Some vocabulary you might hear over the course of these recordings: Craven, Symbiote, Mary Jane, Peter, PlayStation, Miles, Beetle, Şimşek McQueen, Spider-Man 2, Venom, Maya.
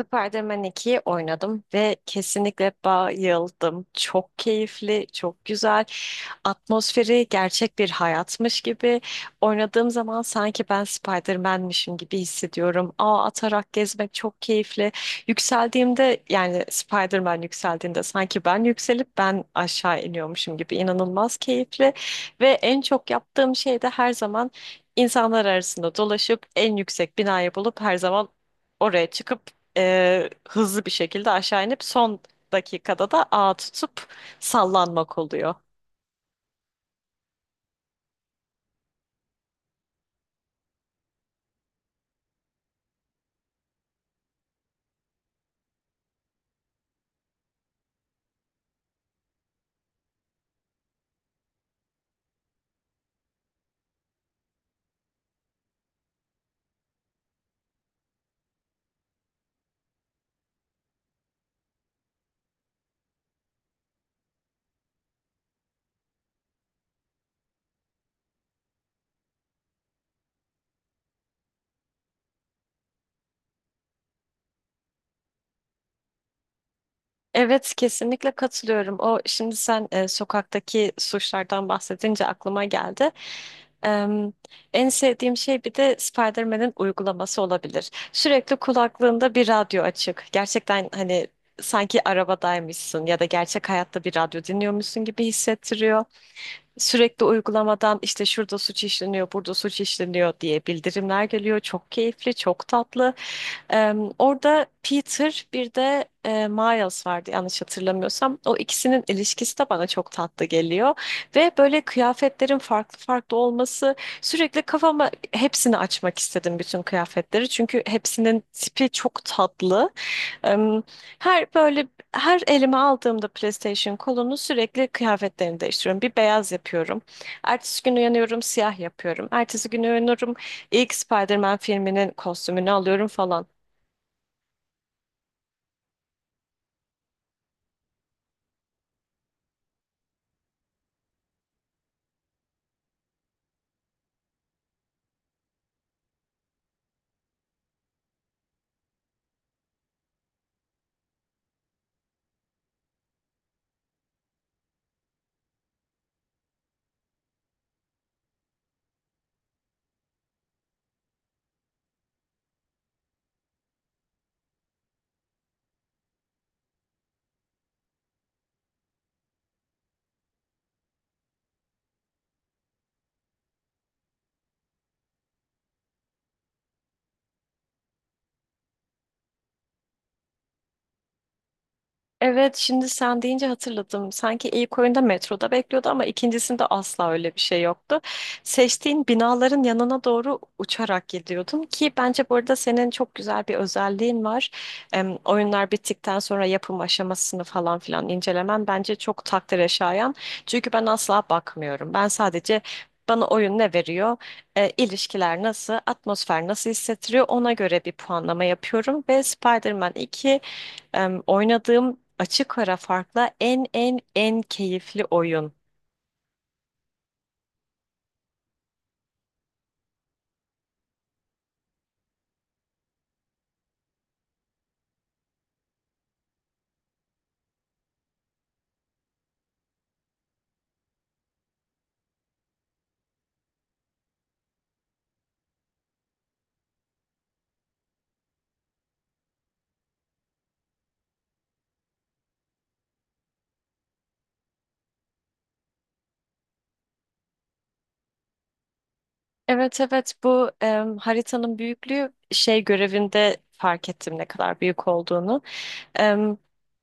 Spider-Man 2'yi oynadım ve kesinlikle bayıldım. Çok keyifli, çok güzel. Atmosferi gerçek bir hayatmış gibi. Oynadığım zaman sanki ben Spider-Man'mişim gibi hissediyorum. Ağ atarak gezmek çok keyifli. Yükseldiğimde yani Spider-Man yükseldiğinde sanki ben yükselip ben aşağı iniyormuşum gibi inanılmaz keyifli. Ve en çok yaptığım şey de her zaman insanlar arasında dolaşıp en yüksek binayı bulup her zaman oraya çıkıp hızlı bir şekilde aşağı inip son dakikada da ağa tutup sallanmak oluyor. Evet, kesinlikle katılıyorum. O şimdi sen sokaktaki suçlardan bahsedince aklıma geldi. Em, En sevdiğim şey bir de Spider-Man'in uygulaması olabilir. Sürekli kulaklığında bir radyo açık. Gerçekten hani sanki arabadaymışsın ya da gerçek hayatta bir radyo dinliyormuşsun gibi hissettiriyor. Sürekli uygulamadan işte şurada suç işleniyor, burada suç işleniyor diye bildirimler geliyor. Çok keyifli, çok tatlı. Ee, Orada Peter bir de Miles vardı yanlış hatırlamıyorsam. O ikisinin ilişkisi de bana çok tatlı geliyor. Ve böyle kıyafetlerin farklı farklı olması sürekli kafama hepsini açmak istedim bütün kıyafetleri. Çünkü hepsinin tipi çok tatlı. Ee, Her böyle her elime aldığımda PlayStation kolunu sürekli kıyafetlerini değiştiriyorum. Bir beyaz yapıyorum. Ertesi gün uyanıyorum siyah yapıyorum. Ertesi gün uyanıyorum ilk Spider-Man filminin kostümünü alıyorum falan. Evet, şimdi sen deyince hatırladım. Sanki ilk oyunda metroda bekliyordu ama ikincisinde asla öyle bir şey yoktu. Seçtiğin binaların yanına doğru uçarak gidiyordun ki bence burada senin çok güzel bir özelliğin var. Oyunlar bittikten sonra yapım aşamasını falan filan incelemen bence çok takdire şayan. Çünkü ben asla bakmıyorum. Ben sadece bana oyun ne veriyor, ilişkiler nasıl, atmosfer nasıl hissettiriyor ona göre bir puanlama yapıyorum ve Spider-Man 2 oynadığım açık ara farkla en keyifli oyun. Evet, evet, bu haritanın büyüklüğü şey görevinde fark ettim ne kadar büyük olduğunu. Em,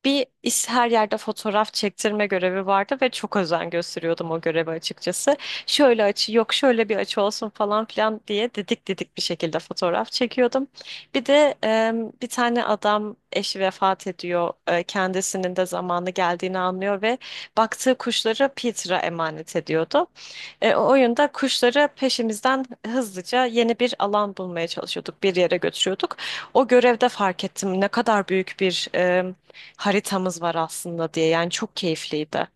Bir iş her yerde fotoğraf çektirme görevi vardı ve çok özen gösteriyordum o göreve açıkçası. Şöyle açı yok şöyle bir açı olsun falan filan diye didik didik bir şekilde fotoğraf çekiyordum. Bir de bir tane adam eşi vefat ediyor. Kendisinin de zamanı geldiğini anlıyor ve baktığı kuşları Peter'a emanet ediyordu. O oyunda kuşları peşimizden hızlıca yeni bir alan bulmaya çalışıyorduk. Bir yere götürüyorduk. O görevde fark ettim ne kadar büyük bir haritamız var aslında diye. Yani çok keyifliydi.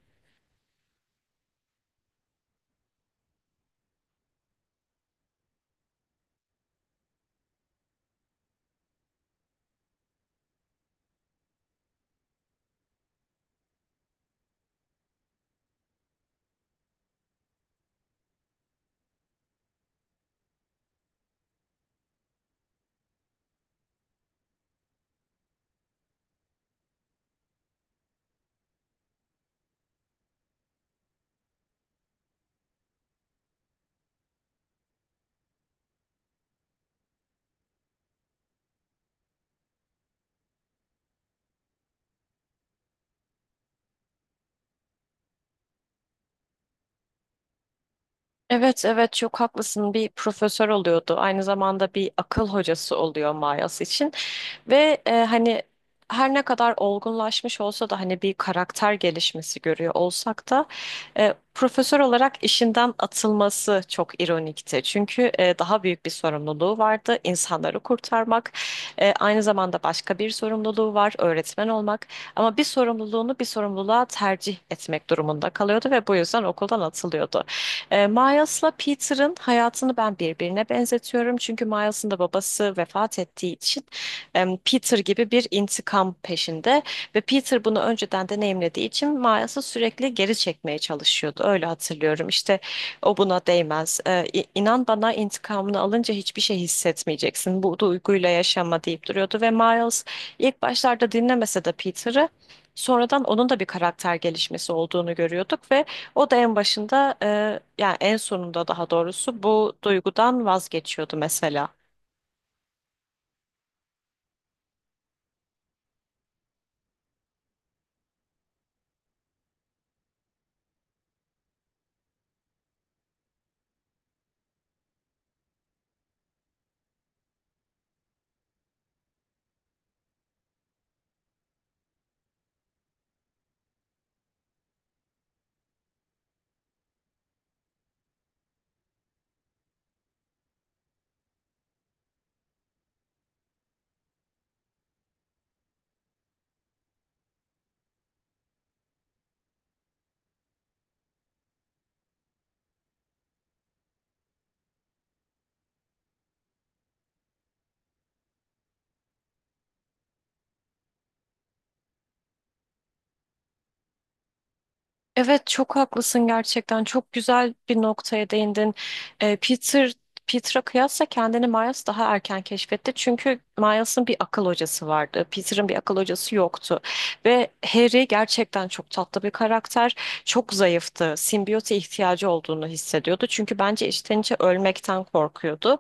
Evet, evet, çok haklısın, bir profesör oluyordu aynı zamanda bir akıl hocası oluyor Mayas için ve hani her ne kadar olgunlaşmış olsa da hani bir karakter gelişmesi görüyor olsak da profesör olarak işinden atılması çok ironikti çünkü daha büyük bir sorumluluğu vardı insanları kurtarmak. Aynı zamanda başka bir sorumluluğu var öğretmen olmak ama bir sorumluluğunu bir sorumluluğa tercih etmek durumunda kalıyordu ve bu yüzden okuldan atılıyordu. Miles'la Peter'ın hayatını ben birbirine benzetiyorum. Çünkü Miles'ın da babası vefat ettiği için Peter gibi bir intikam peşinde ve Peter bunu önceden deneyimlediği için Miles'ı sürekli geri çekmeye çalışıyordu. Öyle hatırlıyorum. İşte o buna değmez. İnan bana intikamını alınca hiçbir şey hissetmeyeceksin. Bu duyguyla yaşama deyip duruyordu ve Miles ilk başlarda dinlemese de Peter'ı, sonradan onun da bir karakter gelişmesi olduğunu görüyorduk ve o da en başında yani en sonunda daha doğrusu bu duygudan vazgeçiyordu mesela. Evet, çok haklısın gerçekten. Çok güzel bir noktaya değindin. Ee, Peter Peter'a kıyasla kendini Miles daha erken keşfetti. Çünkü Miles'ın bir akıl hocası vardı. Peter'ın bir akıl hocası yoktu. Ve Harry gerçekten çok tatlı bir karakter. Çok zayıftı. Simbiyote ihtiyacı olduğunu hissediyordu. Çünkü bence içten içe ölmekten korkuyordu.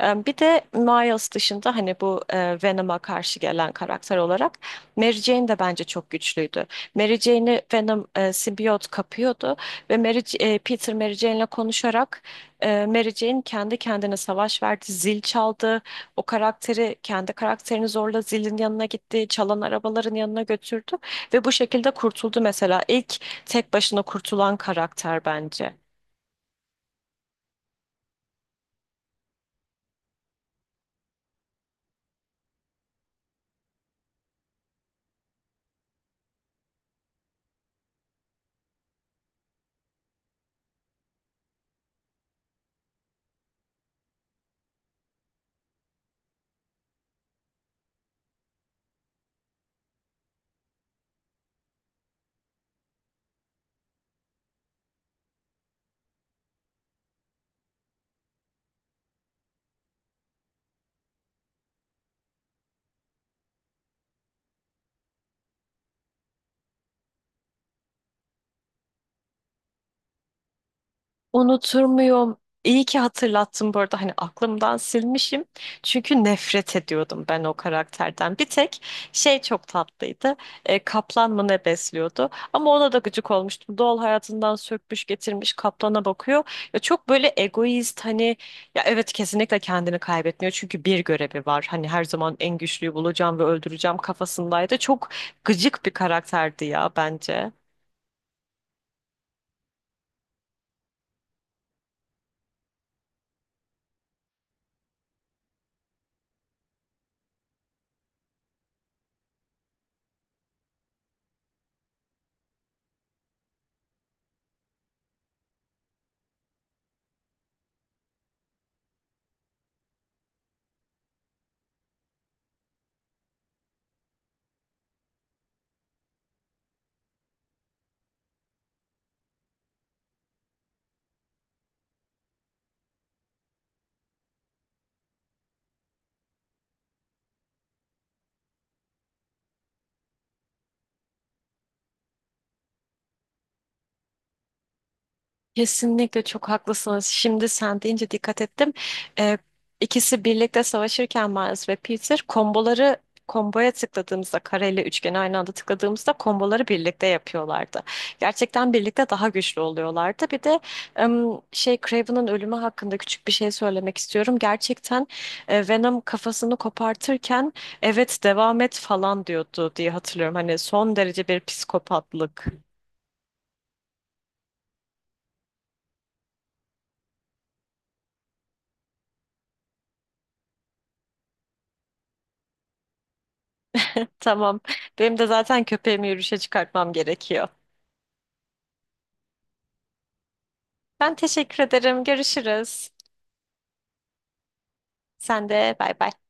Bir de Miles dışında hani bu Venom'a karşı gelen karakter olarak Mary Jane de bence çok güçlüydü. Mary Jane'i Venom simbiyot kapıyordu ve Peter Mary Jane'le konuşarak Mary Jane kendi kendine savaş verdi, zil çaldı. O karakteri kendi karakterini zorla zilin yanına gitti, çalan arabaların yanına götürdü ve bu şekilde kurtuldu mesela. İlk tek başına kurtulan karakter bence. Unutur muyum? İyi ki hatırlattın bu arada, hani aklımdan silmişim. Çünkü nefret ediyordum ben o karakterden. Bir tek şey çok tatlıydı. Kaplan mı ne besliyordu? Ama ona da gıcık olmuştum. Doğal hayatından sökmüş getirmiş kaplana bakıyor. Ya çok böyle egoist, hani ya evet, kesinlikle kendini kaybetmiyor. Çünkü bir görevi var. Hani her zaman en güçlüyü bulacağım ve öldüreceğim kafasındaydı. Çok gıcık bir karakterdi ya bence. Kesinlikle çok haklısınız. Şimdi sen deyince dikkat ettim. Ee, ikisi birlikte savaşırken Miles ve Peter komboya tıkladığımızda kareyle üçgeni aynı anda tıkladığımızda komboları birlikte yapıyorlardı. Gerçekten birlikte daha güçlü oluyorlardı. Bir de em, şey Craven'ın ölümü hakkında küçük bir şey söylemek istiyorum. Gerçekten Venom kafasını kopartırken evet devam et falan diyordu diye hatırlıyorum. Hani son derece bir psikopatlık. Tamam. Benim de zaten köpeğimi yürüyüşe çıkartmam gerekiyor. Ben teşekkür ederim. Görüşürüz. Sen de bay bay.